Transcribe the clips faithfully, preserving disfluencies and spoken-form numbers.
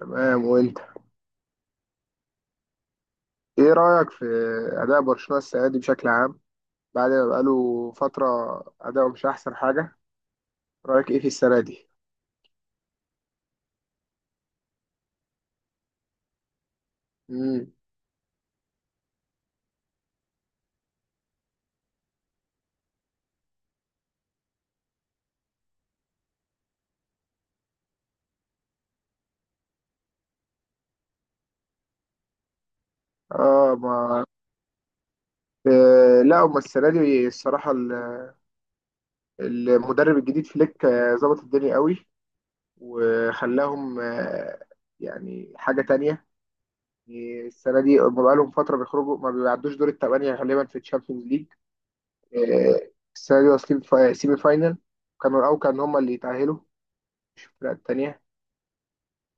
تمام وانت. ايه رأيك في أداء برشلونة السنة دي بشكل عام؟ بعد ما بقاله فترة، أداؤه مش أحسن حاجة. رأيك ايه في السنة دي؟ مم. اه ما. آه لا، هما السنة دي الصراحة ال- المدرب الجديد فليك آه، ظبط الدنيا قوي، وخلاهم آه يعني حاجة تانية. يعني السنة دي هما بقالهم فترة بيخرجوا، ما بيعدوش دور التمانية غالبا في الشامبيونز ليج. آه. السنة دي واصلين في سيمي فاينل. كانوا الأول، كانوا هما اللي يتأهلوا، مش الفرق التانية.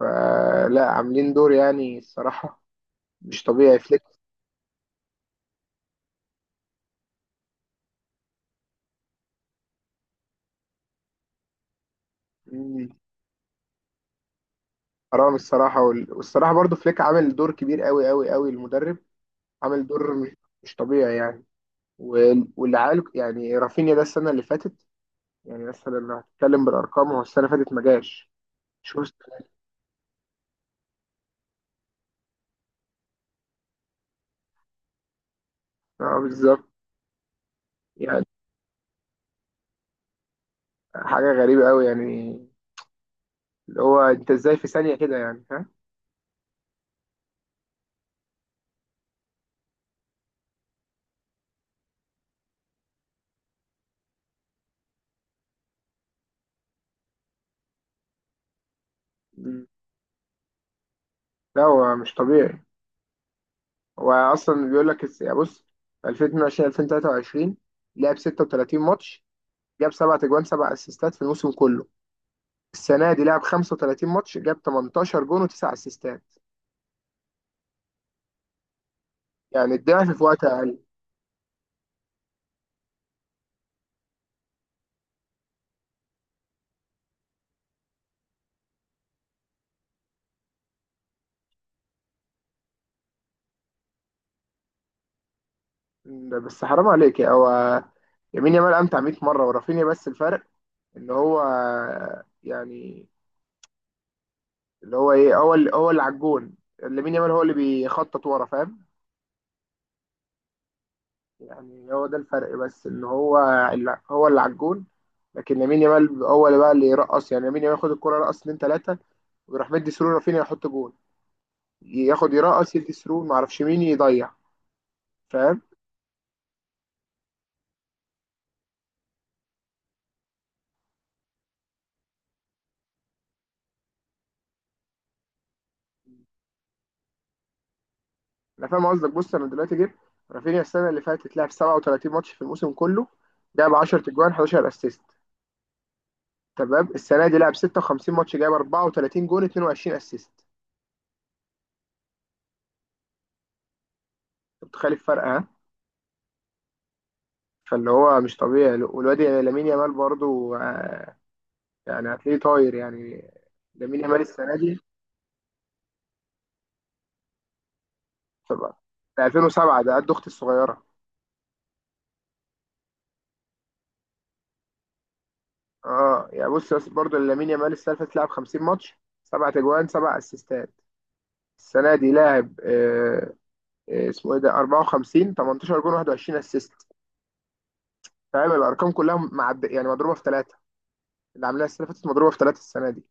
فلا، عاملين دور يعني الصراحة مش طبيعي فليك. مم. حرام الصراحة. وال- والصراحة برضو فليك عامل دور كبير قوي قوي قوي، المدرب. عامل دور مش مش طبيعي يعني. وال- واللي عال يعني رافينيا، ده السنة اللي فاتت يعني مثلا لو هتتكلم بالأرقام، هو السنة اللي فاتت ما جاش. شوف، اه بالظبط. يعني حاجة غريبة قوي يعني، اللي هو انت ازاي في ثانية كده يعني، ها. مم. لا هو مش طبيعي. هو اصلا بيقول لك الس- بص، ألفين واتنين وعشرين ألفين وتلاتة وعشرين لعب ستة وتلاتين ماتش، جاب سبع تجوان سبع اسيستات في الموسم كله. السنه دي لعب خمسة وتلاتين ماتش، جاب تمنتاشر جون وتسع اسيستات. يعني الضعف في وقت اقل. م، بس حرام عليك يا هو. يمين يامال امتع مية مره ورافينيا، بس الفرق ان هو يعني اللي هو ايه، هو اللي هو اللي على الجون. لامين يامال هو اللي بيخطط ورا، فاهم؟ يعني هو ده الفرق، بس ان هو اللي هو اللي على الجون، لكن لامين يامال هو اللي بقى اللي يرقص. يعني لامين يامال ياخد الكرة، يرقص اتنين تلاتة، ويروح مدي سرور، رافينيا يحط جون. ياخد يرقص يدي سرور، معرفش مين يضيع. فاهم. انا فاهم قصدك. بص، انا دلوقتي جبت رافينيا السنة اللي فاتت، لعب سبعة وتلاتين ماتش في الموسم كله، جاب عشرة تجوان احد عشر اسيست. تمام. السنة دي لعب ستة وخمسين ماتش، جاب أربعة وتلاتين جون اتنين وعشرين اسيست. انت متخيل الفرق، ها؟ فاللي هو مش طبيعي. والواد يعني لامين يامال برضه، يعني هتلاقيه طاير يعني. لامين يامال السنه دي، طبعا ده ألفين وسبعة، ده قد اختي الصغيره. اه يعني بص، بس برضه لامين يامال السنه اللي فاتت لعب خمسين ماتش، سبع تجوان سبع اسيستات. السنه دي لاعب آه آه، اسمه ايه، ده أربعة وخمسين، تمنتاشر جون واحد وعشرين اسيست. فاهم الارقام كلها معد يعني مضروبه في ثلاثه. اللي عاملاها السنه اللي فاتت مضروبه في ثلاثه السنه دي.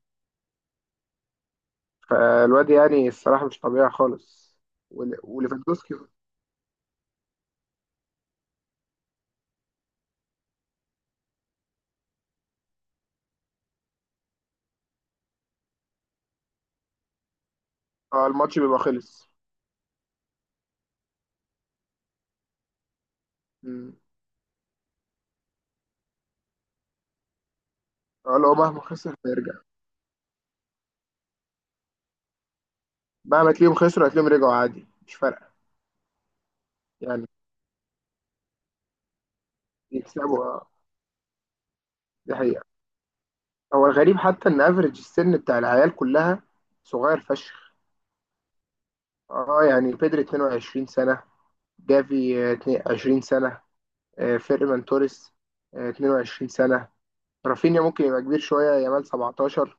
فالواد يعني الصراحه مش طبيعي خالص. ول- وليفاندوسكي. اه الماتش بيبقى خلص. مم. اه، لو مهما خسر هيرجع. مهما تلاقيهم خسروا، هتلاقيهم رجعوا عادي، مش فارقه. يعني يكسبوا، اه. دي حقيقه. هو الغريب حتى ان افريج السن بتاع العيال كلها صغير فشخ. اه يعني بيدري اتنين وعشرين سنه، جافي آه، اتنين وعشرين سنه، آه، فيرمان توريس آه، اتنين وعشرين سنه. رافينيا ممكن يبقى كبير شويه، يامال سبعتاشر،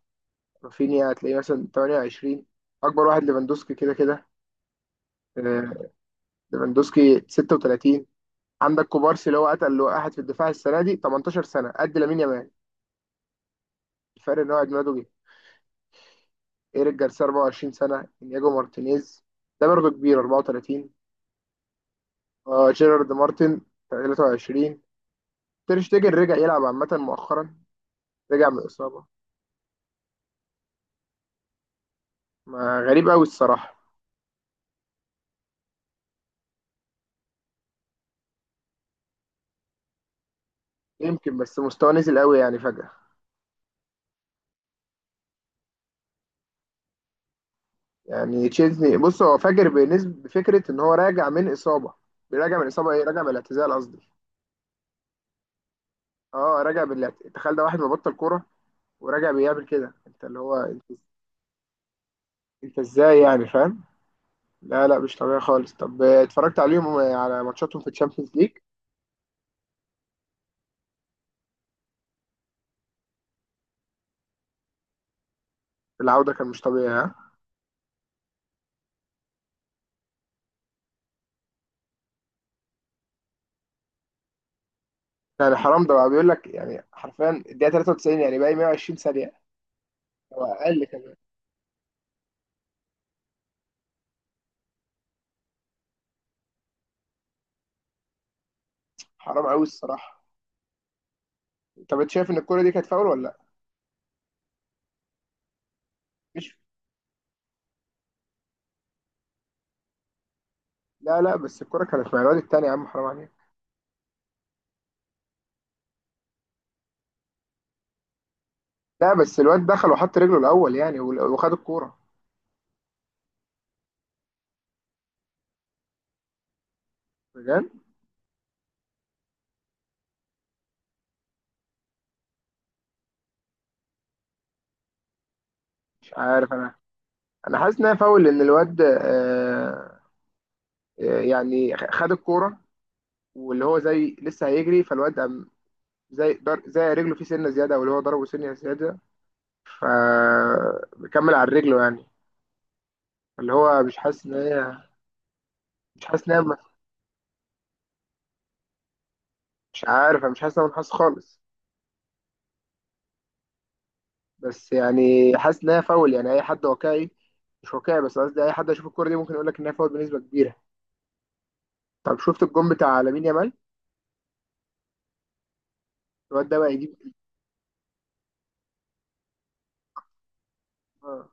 رافينيا هتلاقيه مثلا تمنية وعشرين. اكبر واحد ليفاندوسكي كده كده. آه، ليفاندوسكي ستة وتلاتين. عندك كوبارسي، اللي هو قتل واحد في الدفاع السنه دي، تمنتاشر سنه، قد لامين يامال. الفرق ان هو عيد ميلاده جه. ايريك جارسيا اربعة وعشرين سنه، انياجو مارتينيز ده برضه كبير، اربعة وتلاتين. آه جيرارد مارتن تلاتة وعشرين. تير شتيجن رجع يلعب عامه مؤخرا، رجع من اصابه. ما، غريب قوي الصراحه. يمكن بس مستواه نزل قوي يعني فجاه. يعني تشيزني بص، هو فاجر، بالنسبه بفكره ان هو راجع من اصابه. راجع من اصابه ايه، راجع من الاعتزال قصدي. اه راجع بالاعتزال، تخيل، ده واحد مبطل كوره وراجع بيعمل كده. انت اللي هو انت، انت ازاي يعني، فاهم؟ لا لا، مش طبيعي خالص. طب آه، اتفرجت عليهم آه، على ماتشاتهم في الشامبيونز ليج؟ العودة كان مش طبيعي، ها. يعني حرام، ده بقى بيقول لك يعني حرفيا الدقيقة تلاتة وتسعين، يعني باقي مية وعشرين ثانية، هو أقل كمان. حرام قوي الصراحة. طب انت شايف ان الكرة دي كانت فاول ولا لا؟ مش لا لا، بس الكرة كانت مع الواد التاني يا عم، حرام عليك. لا، بس الواد دخل وحط رجله الأول يعني و- وخد الكورة، بجد. مش عارف أنا، أنا حاسس إنها فاول، لأن الواد آه آه، يعني خد الكورة واللي هو زي لسه هيجري، فالواد زي در... زي رجله فيه سنه زياده، او اللي هو ضربه سنه زياده، فبكمل على رجله يعني. اللي هو مش حاسس ان هي، مش حاسس ان هي، مش عارف أنا، مش حاسس ان انا حاسس خالص. بس يعني حاسس ان هي فاول يعني. اي حد واقعي، مش واقعي، بس قصدي اي حد يشوف الكوره دي ممكن يقول لك ان هي فاول بنسبه كبيره. طب شفت الجون بتاع لامين يامال؟ الواد ده بقى يجيب. آه.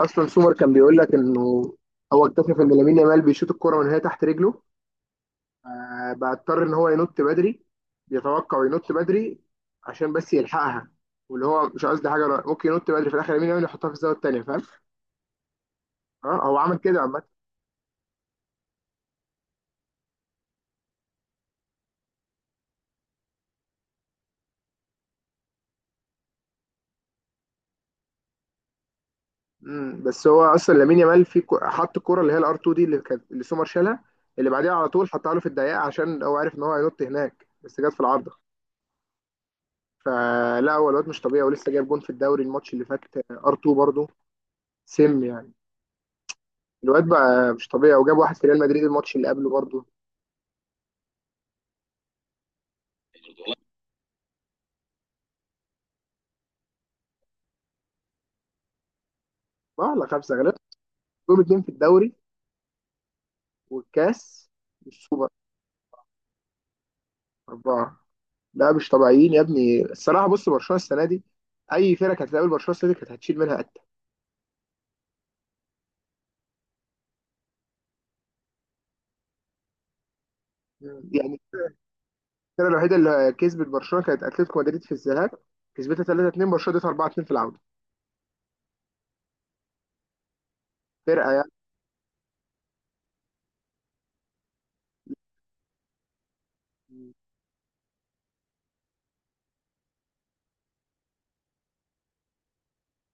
اصلا سومر كان بيقول لك انه هو اكتشف ان لامين يامال بيشوط الكوره من هي تحت رجله، آه، بقى اضطر ان هو ينط بدري، بيتوقع وينط بدري، عشان بس يلحقها. واللي هو مش قصدي حاجه، أنا ممكن ينط بدري، في الاخر لامين يامال يحطها في الزاويه الثانيه، فاهم؟ اه هو عمل كده عامه. أمم، بس هو اصلا لامين يامال في كو- حط الكره اللي هي الار اتنين دي، اللي كانت اللي سومر شالها، اللي بعديها على طول حطها له في الدقيقه، عشان هو عارف ان هو هينط هناك، بس جت في العارضه. فلا، هو الواد مش طبيعي، ولسه جايب جون في الدوري الماتش اللي فات، ار اتنين برضه. سم يعني. الواد بقى مش طبيعي، وجاب واحد في ريال مدريد الماتش اللي قبله برضه. اه لا، خمسه. دول اتنين في الدوري، والكاس، والسوبر، أربعة. لا، مش طبيعيين يا ابني الصراحة. بص، برشلونة السنة دي أي فرقة كانت هتقابل برشلونة السنة دي، كانت هتشيل منها قتة يعني. الفرقة الوحيدة اللي كسبت برشلونة كانت أتلتيكو مدريد في الذهاب، كسبتها تلاتة اتنين. برشلونة اديتها اربعة اتنين في العودة. فرقة يعني.